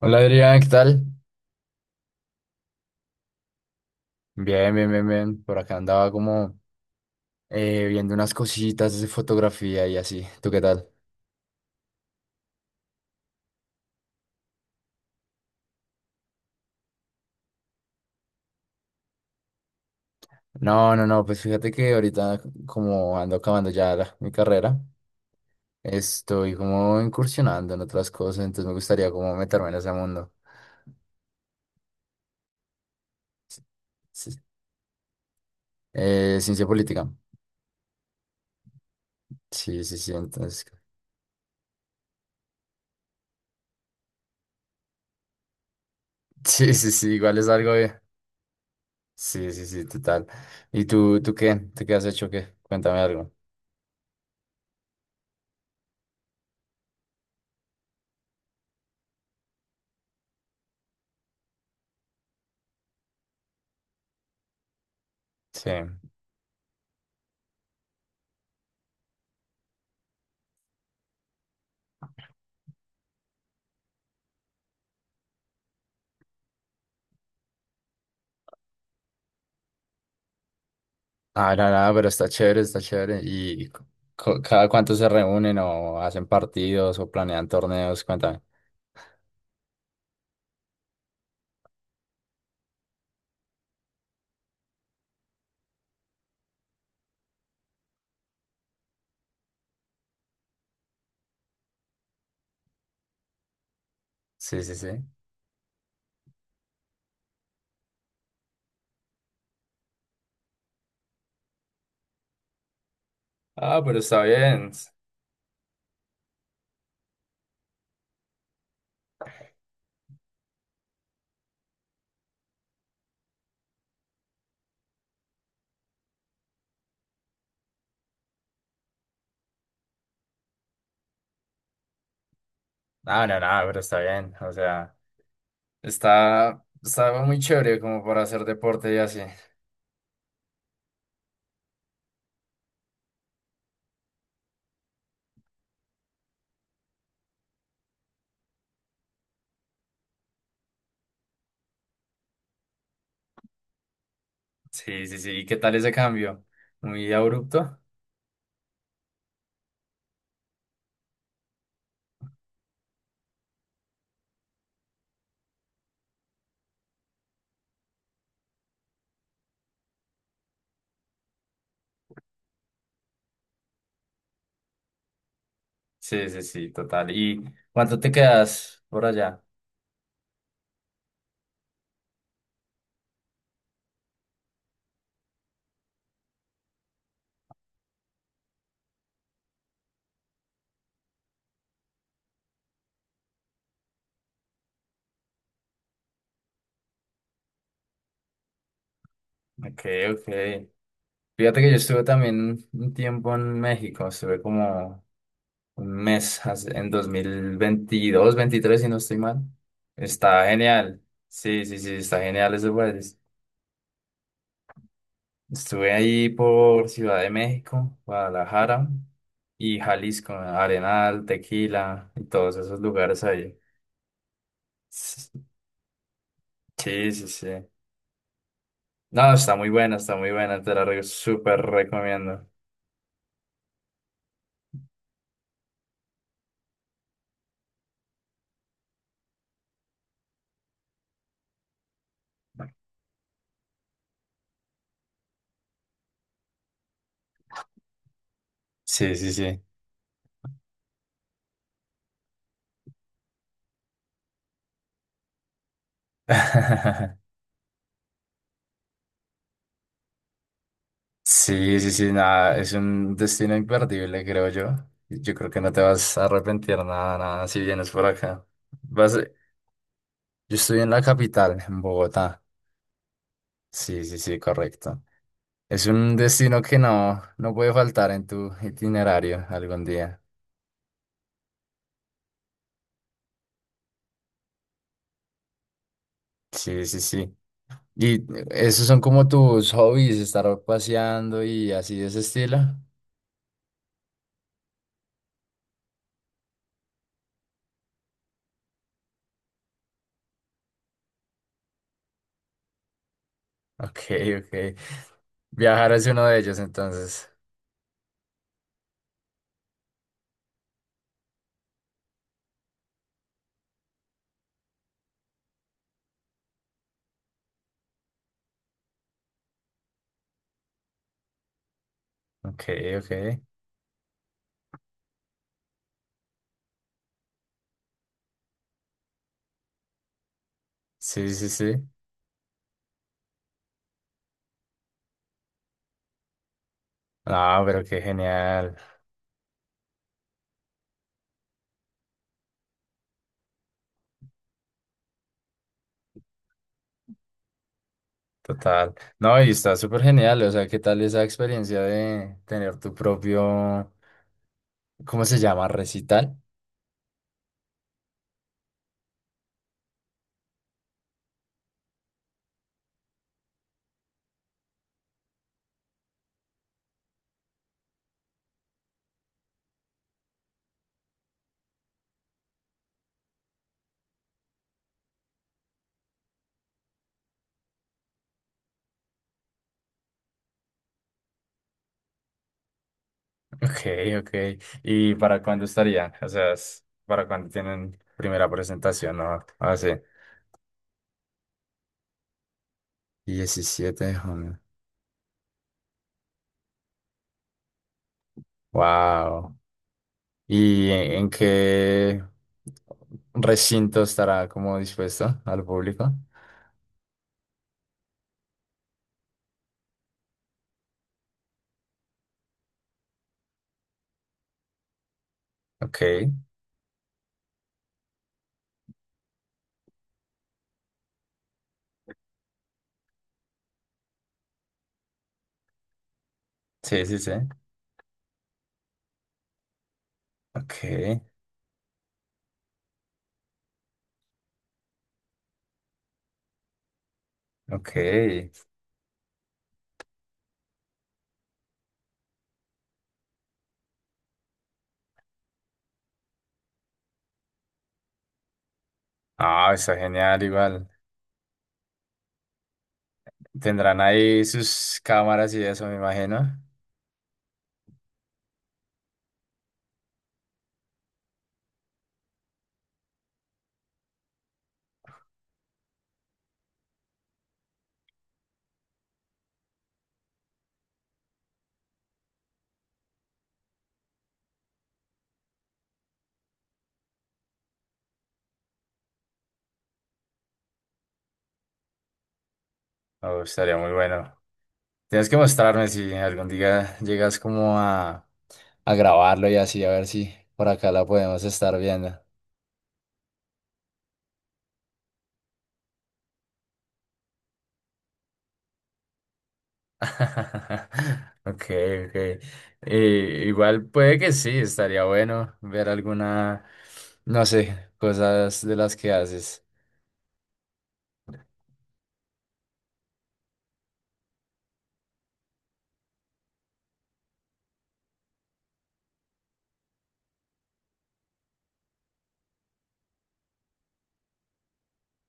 Hola Adrián, ¿qué tal? Bien, bien, bien, bien. Por acá andaba como viendo unas cositas de fotografía y así. ¿Tú qué tal? No, no, no, pues fíjate que ahorita como ando acabando mi carrera, estoy como incursionando en otras cosas, entonces me gustaría como meterme en ese mundo. Sí, sí. Ciencia política. Sí, sí, sí, entonces. Sí, sí, sí, igual es algo bien. Sí, sí, sí, total. ¿Y tú qué? ¿Tú qué has hecho? ¿Qué? Cuéntame algo. Sí. Ah, no, no, pero está chévere, está chévere. ¿Y cada cuánto se reúnen o hacen partidos o planean torneos? Cuéntame. Sí, sí, sí. Ah, pero está bien. Ah, no, no, pero está bien. O sea, está, está muy chévere como para hacer deporte y así. Sí, sí, sí. ¿Y qué tal ese cambio? ¿Muy abrupto? Sí, sí, sí, total. ¿Y cuánto te quedas por allá? Ok, ok. Fíjate que yo estuve también un tiempo en México, estuve como un mes en 2022 2023 si no estoy mal. Está genial. Sí, sí, sí, está genial ese país. Estuve ahí por Ciudad de México, Guadalajara y Jalisco, Arenal, Tequila y todos esos lugares ahí. S- Sí, sí, sí. No, está muy buena, está muy buena, súper recomiendo. Sí, sí, sí. Sí, sí, sí, nada, es un destino imperdible, creo yo. Yo creo que no te vas a arrepentir nada, nada, si vienes por acá. Vas, yo estoy en la capital, en Bogotá. Sí, sí, sí, correcto. Es un destino que no, no puede faltar en tu itinerario algún día. Sí, sí, sí. ¿Y esos son como tus hobbies, estar paseando y así de ese estilo? Ok, ok. Viajar es uno de ellos, entonces. Ok, ok. Sí, sí, sí. Ah, pero qué genial, total. No, y está súper genial, o sea, ¿qué tal esa experiencia de tener tu propio, ¿cómo se llama? Recital. Ok, ok. ¿Y para cuándo estarían? O sea, ¿para cuándo tienen primera presentación? No, ah, sí. 17 de junio. Wow. ¿Y en qué recinto estará como dispuesto al público? Ok, sí, sí, sí. Ok, ok. Ah, está genial, igual. Tendrán ahí sus cámaras y eso, me imagino. Oh, estaría muy bueno. Tienes que mostrarme si algún día llegas como a grabarlo y así, a ver si por acá la podemos estar viendo. Ok, ok. Y igual puede que sí, estaría bueno ver alguna, no sé, cosas de las que haces.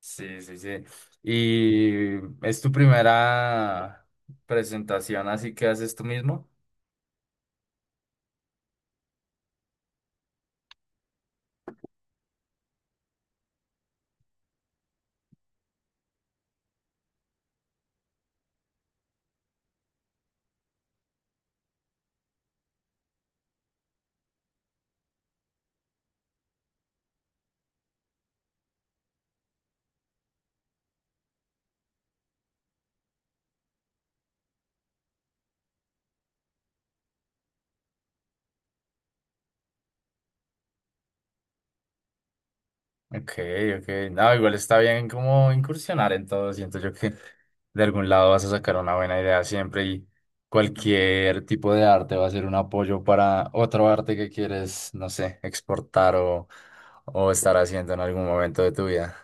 Sí, sí, sí. ¿Y es tu primera presentación, así que haces tú mismo? Ok, ok. No, igual está bien como incursionar en todo. Siento yo que de algún lado vas a sacar una buena idea siempre y cualquier tipo de arte va a ser un apoyo para otro arte que quieres, no sé, exportar o estar haciendo en algún momento de tu vida.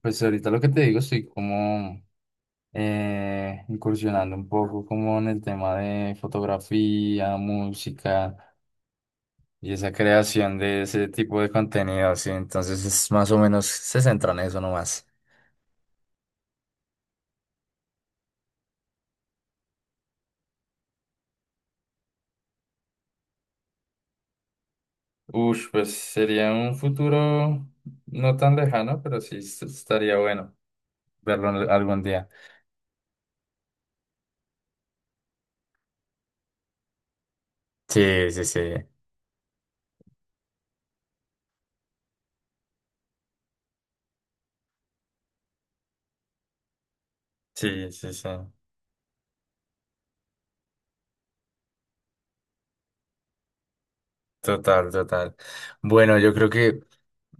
Pues ahorita lo que te digo, estoy como incursionando un poco como en el tema de fotografía, música y esa creación de ese tipo de contenido, sí. Entonces es más o menos se centra en eso nomás. Ush, pues sería un futuro no tan lejano, pero sí estaría bueno verlo algún día. Sí, sí, sí. Sí, sí, sí. Total, total. Bueno, yo creo que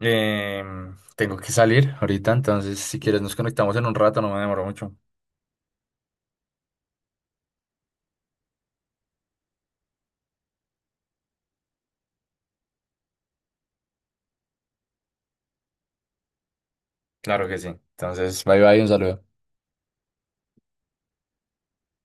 tengo que salir ahorita, entonces si quieres nos conectamos en un rato, no me demoro mucho. Claro que sí. Entonces, bye bye, un saludo.